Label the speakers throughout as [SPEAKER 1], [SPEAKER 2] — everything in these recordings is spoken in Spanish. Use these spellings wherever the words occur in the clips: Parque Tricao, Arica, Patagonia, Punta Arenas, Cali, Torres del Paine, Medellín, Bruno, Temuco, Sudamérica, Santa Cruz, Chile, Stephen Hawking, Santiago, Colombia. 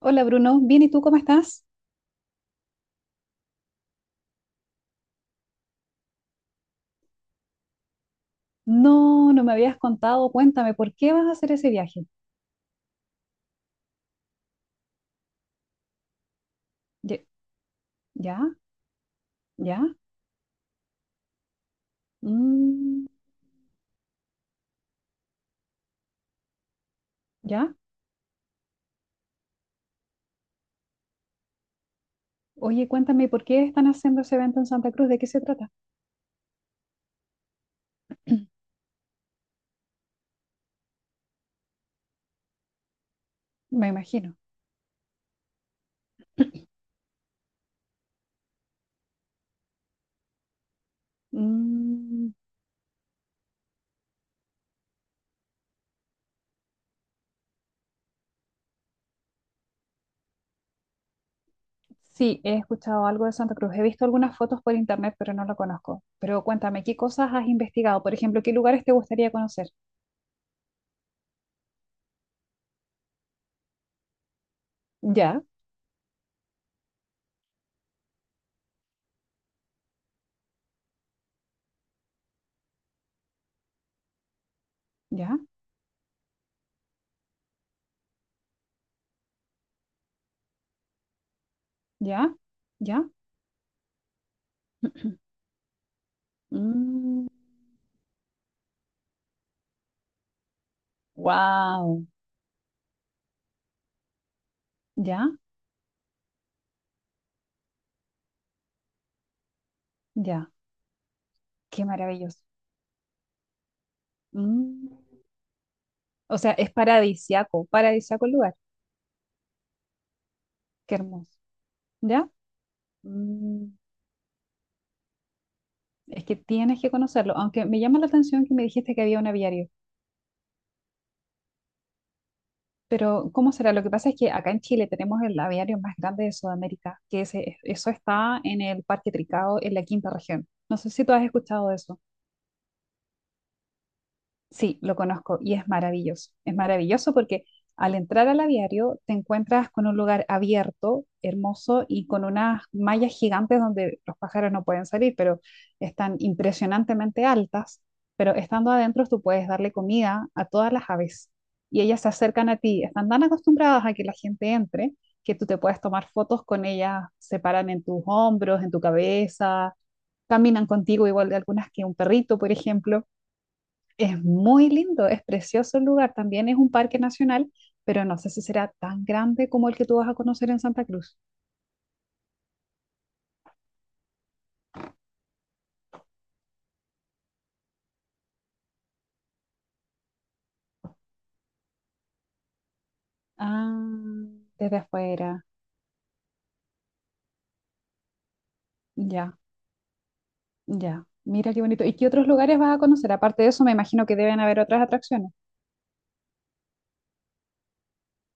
[SPEAKER 1] Hola Bruno, bien, ¿y tú cómo estás? No, no me habías contado, cuéntame, ¿por qué vas a hacer ese viaje? Ye- ¿Ya? ¿Ya? Mm, ¿ya? Oye, cuéntame, ¿por qué están haciendo ese evento en Santa Cruz? ¿De qué se trata? Me imagino. Mm, sí, he escuchado algo de Santa Cruz, he visto algunas fotos por internet, pero no lo conozco. Pero cuéntame, ¿qué cosas has investigado? Por ejemplo, ¿qué lugares te gustaría conocer? ¿Ya? ¿Ya? ¿Ya? ¿Ya? Mm, wow. ¿Ya? ¿Ya? Qué maravilloso. Mm. O sea, es paradisiaco, paradisiaco el lugar. Qué hermoso. ¿Ya? Mm. Es que tienes que conocerlo, aunque me llama la atención que me dijiste que había un aviario. Pero, ¿cómo será? Lo que pasa es que acá en Chile tenemos el aviario más grande de Sudamérica, que eso está en el Parque Tricao, en la quinta región. No sé si tú has escuchado de eso. Sí, lo conozco y es maravilloso. Es maravilloso porque al entrar al aviario te encuentras con un lugar abierto, hermoso y con unas mallas gigantes donde los pájaros no pueden salir, pero están impresionantemente altas. Pero estando adentro tú puedes darle comida a todas las aves y ellas se acercan a ti. Están tan acostumbradas a que la gente entre que tú te puedes tomar fotos con ellas, se paran en tus hombros, en tu cabeza, caminan contigo igual de algunas que un perrito, por ejemplo. Es muy lindo, es precioso el lugar. También es un parque nacional, pero no sé si será tan grande como el que tú vas a conocer en Santa Cruz. Ah, desde afuera. Ya, ya. Mira qué bonito. ¿Y qué otros lugares vas a conocer? Aparte de eso, me imagino que deben haber otras atracciones.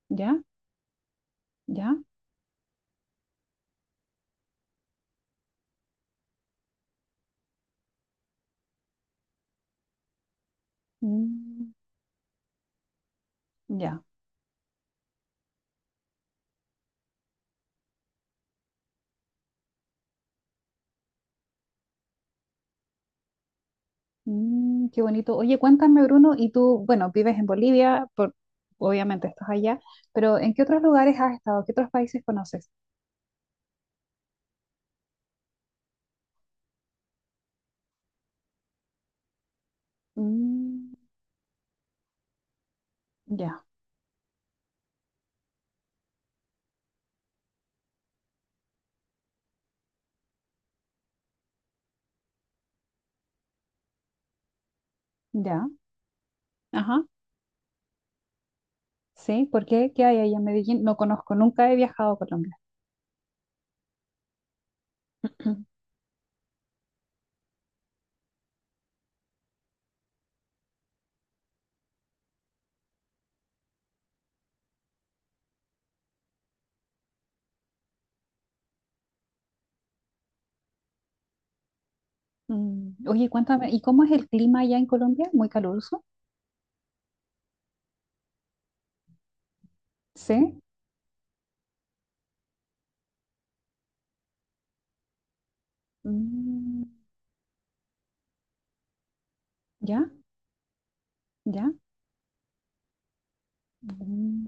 [SPEAKER 1] ¿Ya? ¿Ya? Mm, ya. Mm, qué bonito. Oye, cuéntame, Bruno, y tú, bueno, vives en Bolivia, por, obviamente estás allá, pero ¿en qué otros lugares has estado? ¿Qué otros países conoces? Mm, ya, ya. Ajá. ¿Sí? ¿Por qué? ¿Qué hay ahí en Medellín? No conozco, nunca he viajado a Colombia. Mm, Oye, cuéntame, ¿y cómo es el clima allá en Colombia? ¿Muy caluroso? ¿Sí? Mm, ¿Ya? ¿Ya? Mm,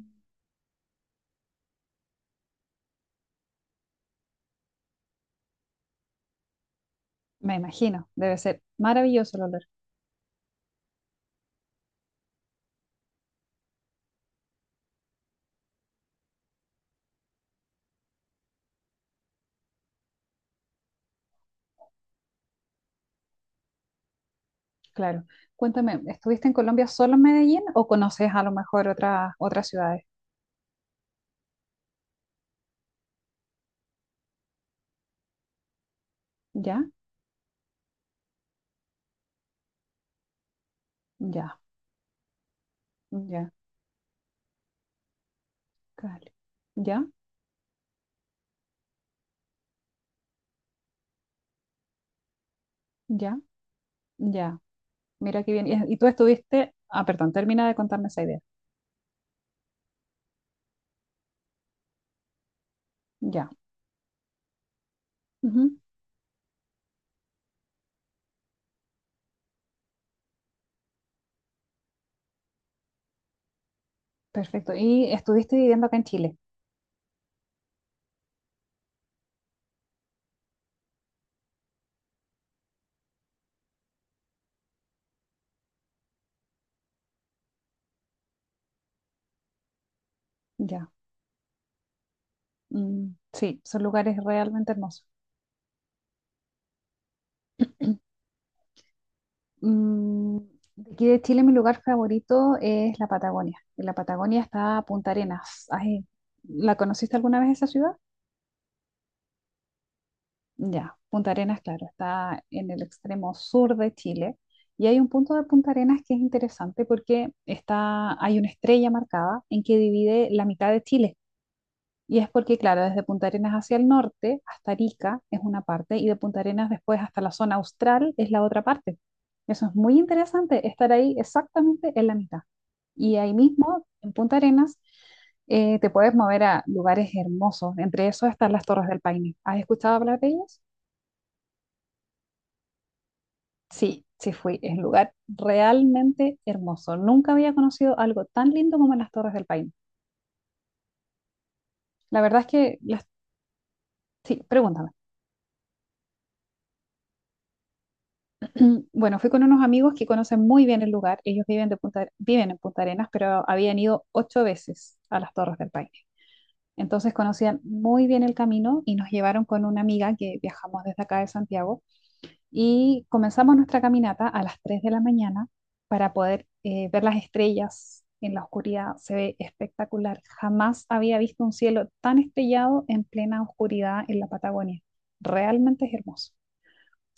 [SPEAKER 1] Me imagino, debe ser maravilloso el olor. Claro. Cuéntame, ¿estuviste en Colombia solo en Medellín o conoces a lo mejor otras ciudades? ¿Ya? ¿Ya? ¿Ya? Cali. ¿Ya? ¿Ya? ¿Ya? Mira qué bien. Y tú estuviste... Ah, perdón, termina de contarme esa idea. Ya. Perfecto. Y estuviste viviendo acá en Chile. Ya. Mm, sí, son lugares realmente hermosos. Mm, de aquí de Chile, mi lugar favorito es la Patagonia. En la Patagonia está Punta Arenas. Ay, ¿la conociste alguna vez esa ciudad? Ya, Punta Arenas, claro, está en el extremo sur de Chile. Y hay un punto de Punta Arenas que es interesante porque está, hay una estrella marcada en que divide la mitad de Chile. Y es porque, claro, desde Punta Arenas hacia el norte, hasta Arica es una parte, y de Punta Arenas después hasta la zona austral es la otra parte. Eso es muy interesante, estar ahí exactamente en la mitad. Y ahí mismo, en Punta Arenas, te puedes mover a lugares hermosos. Entre esos están las Torres del Paine. ¿Has escuchado hablar de ellas? Sí, sí fui. Es un lugar realmente hermoso. Nunca había conocido algo tan lindo como las Torres del Paine. La verdad es que las... Sí, pregúntame. Bueno, fui con unos amigos que conocen muy bien el lugar. Ellos viven, de Punta, viven en Punta Arenas, pero habían ido 8 veces a las Torres del Paine. Entonces conocían muy bien el camino y nos llevaron con una amiga que viajamos desde acá de Santiago y comenzamos nuestra caminata a las 3 de la mañana para poder ver las estrellas en la oscuridad. Se ve espectacular. Jamás había visto un cielo tan estrellado en plena oscuridad en la Patagonia. Realmente es hermoso.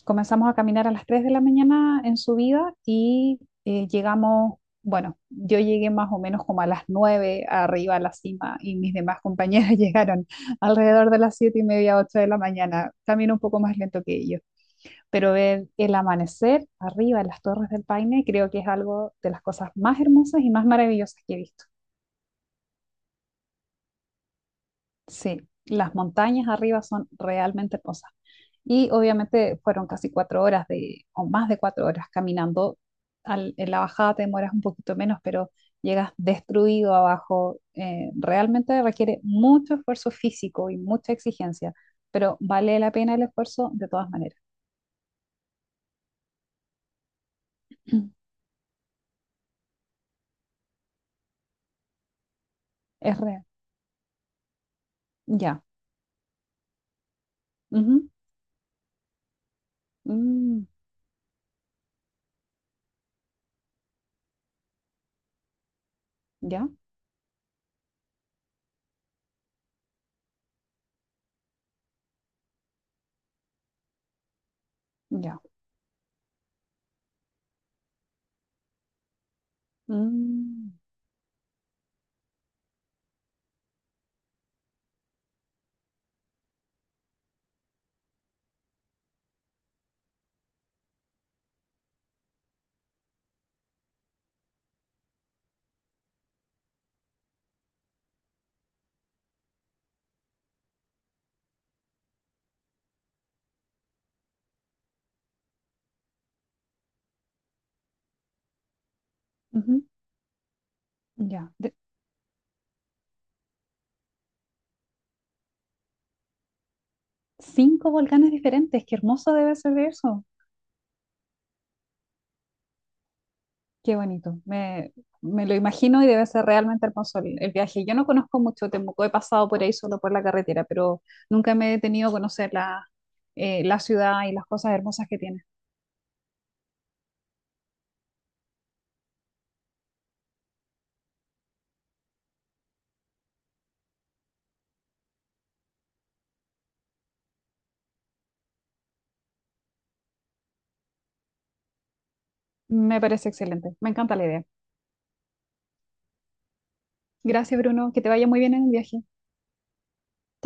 [SPEAKER 1] Comenzamos a caminar a las 3 de la mañana en subida y llegamos, bueno, yo llegué más o menos como a las 9 arriba a la cima y mis demás compañeras llegaron alrededor de las 7:30, 8 de la mañana, también un poco más lento que ellos. Pero ver el amanecer arriba en las Torres del Paine creo que es algo de las cosas más hermosas y más maravillosas que he visto. Sí, las montañas arriba son realmente hermosas. Y obviamente fueron casi 4 horas de, o más de 4 horas caminando. En la bajada te demoras un poquito menos, pero llegas destruido abajo. Realmente requiere mucho esfuerzo físico y mucha exigencia, pero vale la pena el esfuerzo de todas maneras. Es real. Ya. Ujú. Mm, ya. Ya. Mm, ujú. Ya. Cinco volcanes diferentes. Qué hermoso debe ser eso. Qué bonito, me lo imagino y debe ser realmente hermoso el viaje. Yo no conozco mucho Temuco, he pasado por ahí solo por la carretera, pero nunca me he detenido a conocer la ciudad y las cosas hermosas que tiene. Me parece excelente, me encanta la idea. Gracias, Bruno, que te vaya muy bien en el viaje.